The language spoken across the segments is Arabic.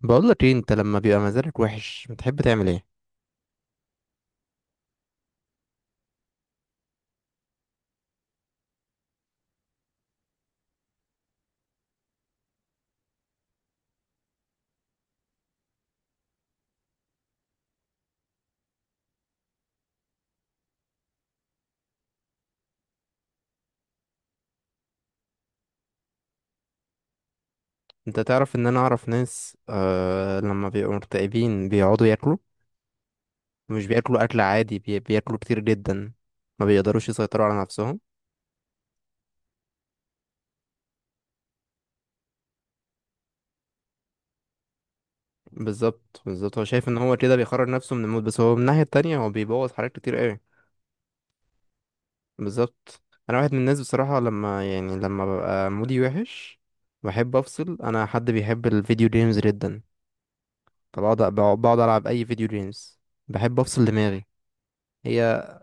بقول لك ايه، انت لما بيبقى مزاجك وحش بتحب تعمل ايه؟ انت تعرف ان انا اعرف ناس، لما بيبقوا مكتئبين بيقعدوا ياكلوا. مش بياكلوا اكل عادي، بياكلوا كتير جدا. ما بيقدروش يسيطروا على نفسهم. بالظبط، بالظبط. هو شايف ان هو كده بيخرج نفسه من المود، بس هو من الناحية التانية هو بيبوظ حاجات كتير قوي. بالظبط. انا واحد من الناس، بصراحة، لما يعني لما ببقى مودي وحش بحب افصل. انا حد بيحب الفيديو جيمز جدا، فبقعد العب اي فيديو جيمز. بحب افصل دماغي. هي.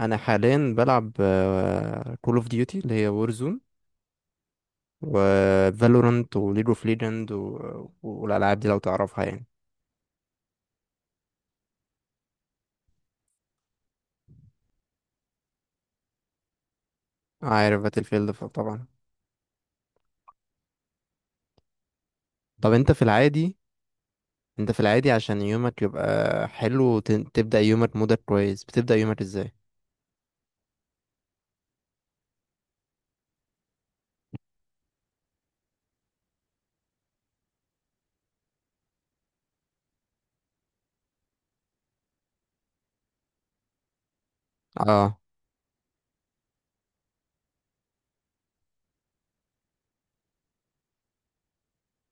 انا حاليا بلعب كول اوف ديوتي اللي هي وورزون، وفالورانت، وليج اوف ليجند. والالعاب دي لو تعرفها يعني. عارف باتل فيلد طبعا. طب انت في العادي، عشان يومك يبقى حلو وتن- تبدأ يومك مودك كويس، بتبدأ يومك ازاي؟ اه.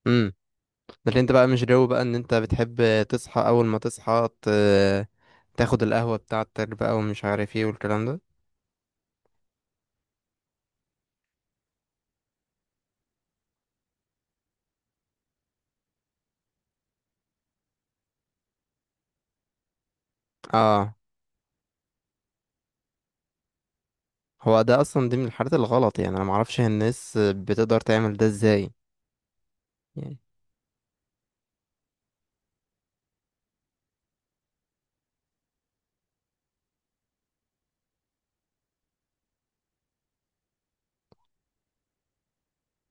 امم. لكن انت بقى مش جو بقى ان انت بتحب تصحى اول ما تصحى تاخد القهوة بتاعتك بقى ومش عارف ايه والكلام ده. اه، هو ده اصلا، دي من الحاجات الغلط. يعني انا معرفش هي الناس بتقدر تعمل ده ازاي يعني.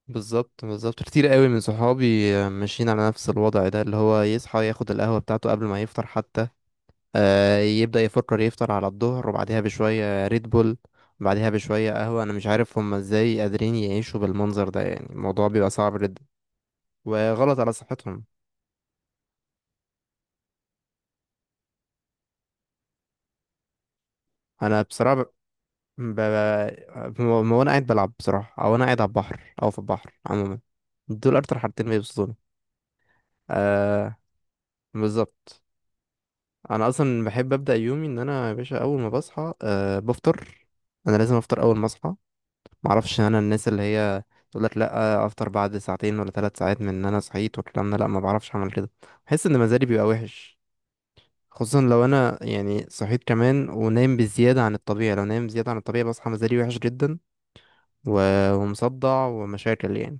بالظبط، بالظبط. كتير قوي من صحابي ماشيين على نفس الوضع ده اللي هو يصحى ياخد القهوة بتاعته قبل ما يفطر حتى. يبدأ يفكر يفطر على الظهر، وبعدها بشوية ريد بول، بعدها بشوية قهوة. انا مش عارف هم ازاي قادرين يعيشوا بالمنظر ده. يعني الموضوع بيبقى صعب جدا وغلط على صحتهم. انا بصراحة ب... ب... ب... وانا قاعد بلعب، بصراحة، او انا قاعد على البحر او في البحر عموما، دول اكتر حاجتين بيبسطوني. آه، بالظبط. انا اصلا بحب ابدا يومي ان انا، يا باشا، اول ما بصحى بفطر. انا لازم افطر اول ما اصحى. معرفش انا الناس اللي هي تقول لك لا، افطر بعد ساعتين ولا 3 ساعات من ان انا صحيت والكلام ده. لا، ما بعرفش اعمل كده. بحس ان مزاجي بيبقى وحش، خصوصا لو انا يعني صحيت كمان ونايم بزياده عن الطبيعي. لو نايم زياده عن الطبيعي بصحى مزاجي وحش جدا، ومصدع ومشاكل يعني.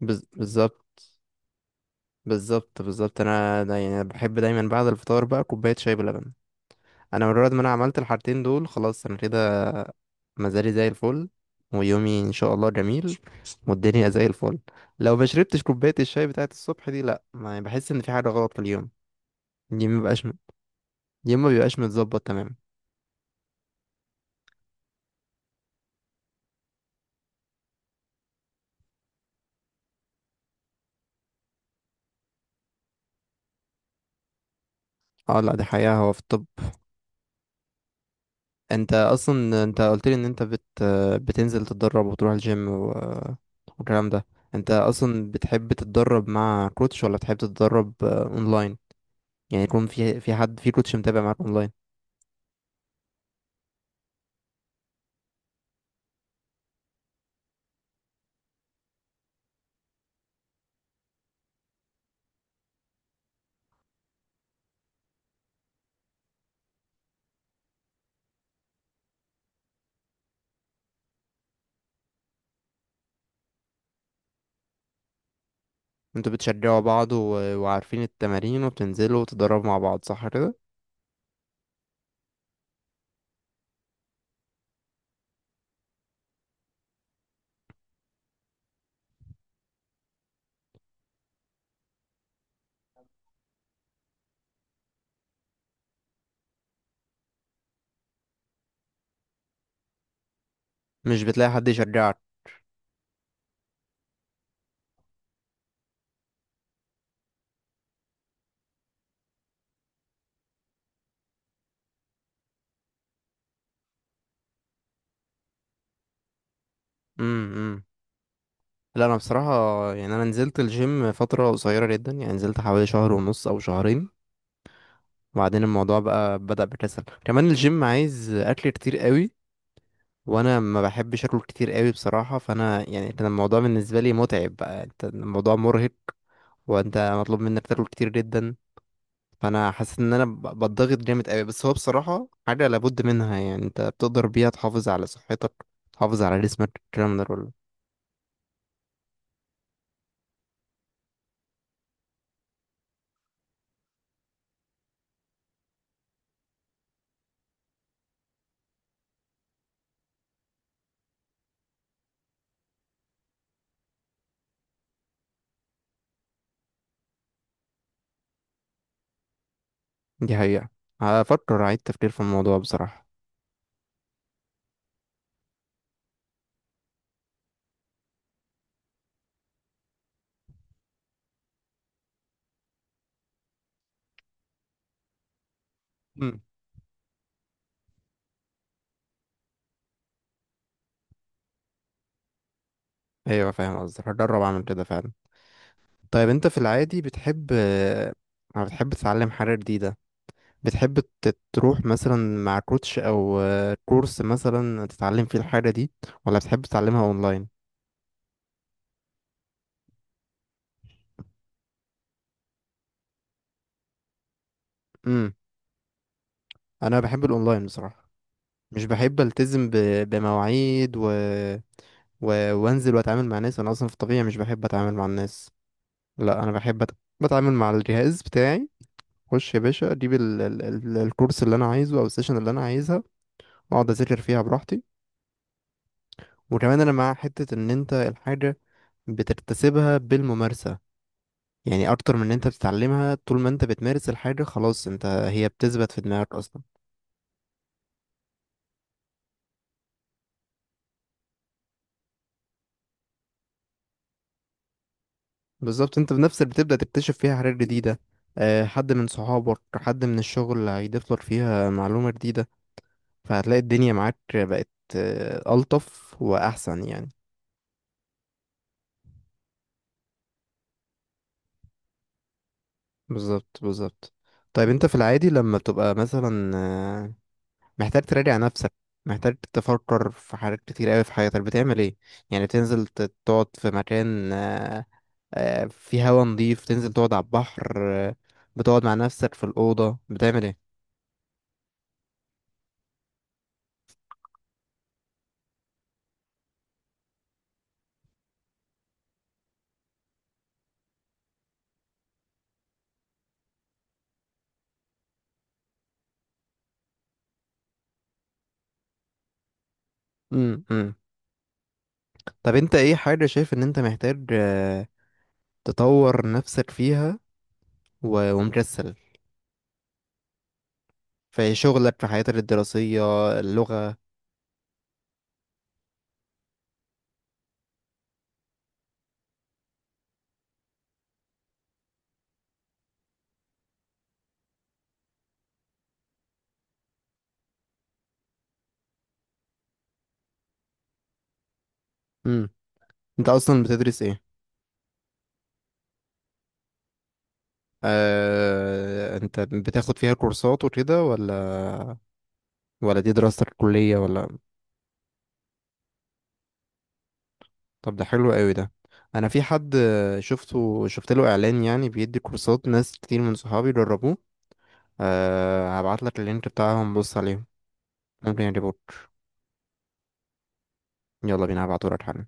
بالظبط، بالظبط، بالظبط. انا دا يعني بحب دايما بعد الفطار بقى كوبايه شاي بلبن. انا مجرد ما انا عملت الحاجتين دول خلاص، انا كده مزاجي زي الفل، ويومي ان شاء الله جميل، والدنيا زي الفل. لو ما شربتش كوبايه الشاي بتاعه الصبح دي، لا، ما بحس ان في حاجه غلط في اليوم. اليوم ما بيبقاش اليوم ما بيبقاش متظبط تمام. اه لا، دي حقيقه، هو في الطب. انت اصلا، انت قلت لي ان انت بتنزل تتدرب وتروح الجيم والكلام ده. انت اصلا بتحب تتدرب مع كوتش ولا بتحب تتدرب اونلاين؟ يعني يكون في حد، في كوتش، متابع معاك اونلاين. انتوا بتشجعوا بعض وعارفين التمارين وبتنزلوا وتتدربوا مع بعض، صح كده؟ مش بتلاقي حد يشجعك. امم، لا، انا بصراحه، يعني انا نزلت الجيم فتره قصيره جدا. يعني نزلت حوالي شهر ونص او شهرين، وبعدين الموضوع بقى بدأ بكسل. كمان الجيم عايز اكل كتير قوي، وانا ما بحبش اكل كتير قوي بصراحه. فانا يعني كان الموضوع بالنسبه لي متعب بقى. يعني انت الموضوع مرهق، وانت مطلوب منك تاكل كتير جدا. فانا حاسس ان انا بتضغط جامد قوي. بس هو بصراحه حاجه لابد منها، يعني انت بتقدر بيها تحافظ على صحتك، تحافظ على جسمك، الكلام ده كله. دي حقيقه. هفكر اعيد تفكير في الموضوع بصراحه. مم. ايوه، فاهم قصدك، هجرب اعمل كده فعلا. طيب انت في العادي بتحب تتعلم حاجه جديده؟ بتحب تروح مثلا مع كوتش او كورس مثلا تتعلم فيه الحاجه دي، ولا بتحب تتعلمها اونلاين؟ امم انا بحب الاونلاين بصراحه. مش بحب التزم بمواعيد و... وانزل واتعامل مع ناس. انا اصلا في الطبيعه مش بحب اتعامل مع الناس. لا، انا بحب بتعامل مع الجهاز بتاعي. خش يا باشا اجيب الكورس اللي انا عايزه او السيشن اللي انا عايزها، واقعد اذاكر فيها براحتي. وكمان انا مع حته ان انت الحاجه بتكتسبها بالممارسه، يعني اكتر من ان انت بتتعلمها. طول ما انت بتمارس الحاجه خلاص، انت هي بتثبت في دماغك اصلا. بالظبط، انت بنفسك بتبدأ تكتشف فيها حاجات جديدة. حد من صحابك، حد من الشغل هيضيف لك فيها معلومة جديدة، فهتلاقي الدنيا معاك بقت ألطف وأحسن يعني. بالظبط، بالظبط. طيب انت في العادي لما بتبقى مثلا محتاج تراجع نفسك، محتاج تفكر في حاجات كتير قوي في حياتك، بتعمل ايه؟ يعني بتنزل تقعد في مكان فيه هوا نضيف، تنزل تقعد على البحر، بتقعد مع نفسك في الأوضة، بتعمل ايه؟ امم، طب انت ايه حاجة شايف ان انت محتاج تطور نفسك فيها ومكسل، في شغلك، في حياتك الدراسية، اللغة؟ امم. انت اصلا بتدرس ايه؟ انت بتاخد فيها كورسات وكده، ولا دي دراستك الكلية ولا؟ طب ده حلو قوي ده. انا في حد شفته، شفت له اعلان يعني بيدي كورسات، ناس كتير من صحابي جربوه. أه، هبعت لك اللينك بتاعهم، بص عليهم، ممكن يعجبوك. يلا بينا، هبعته لك حالا.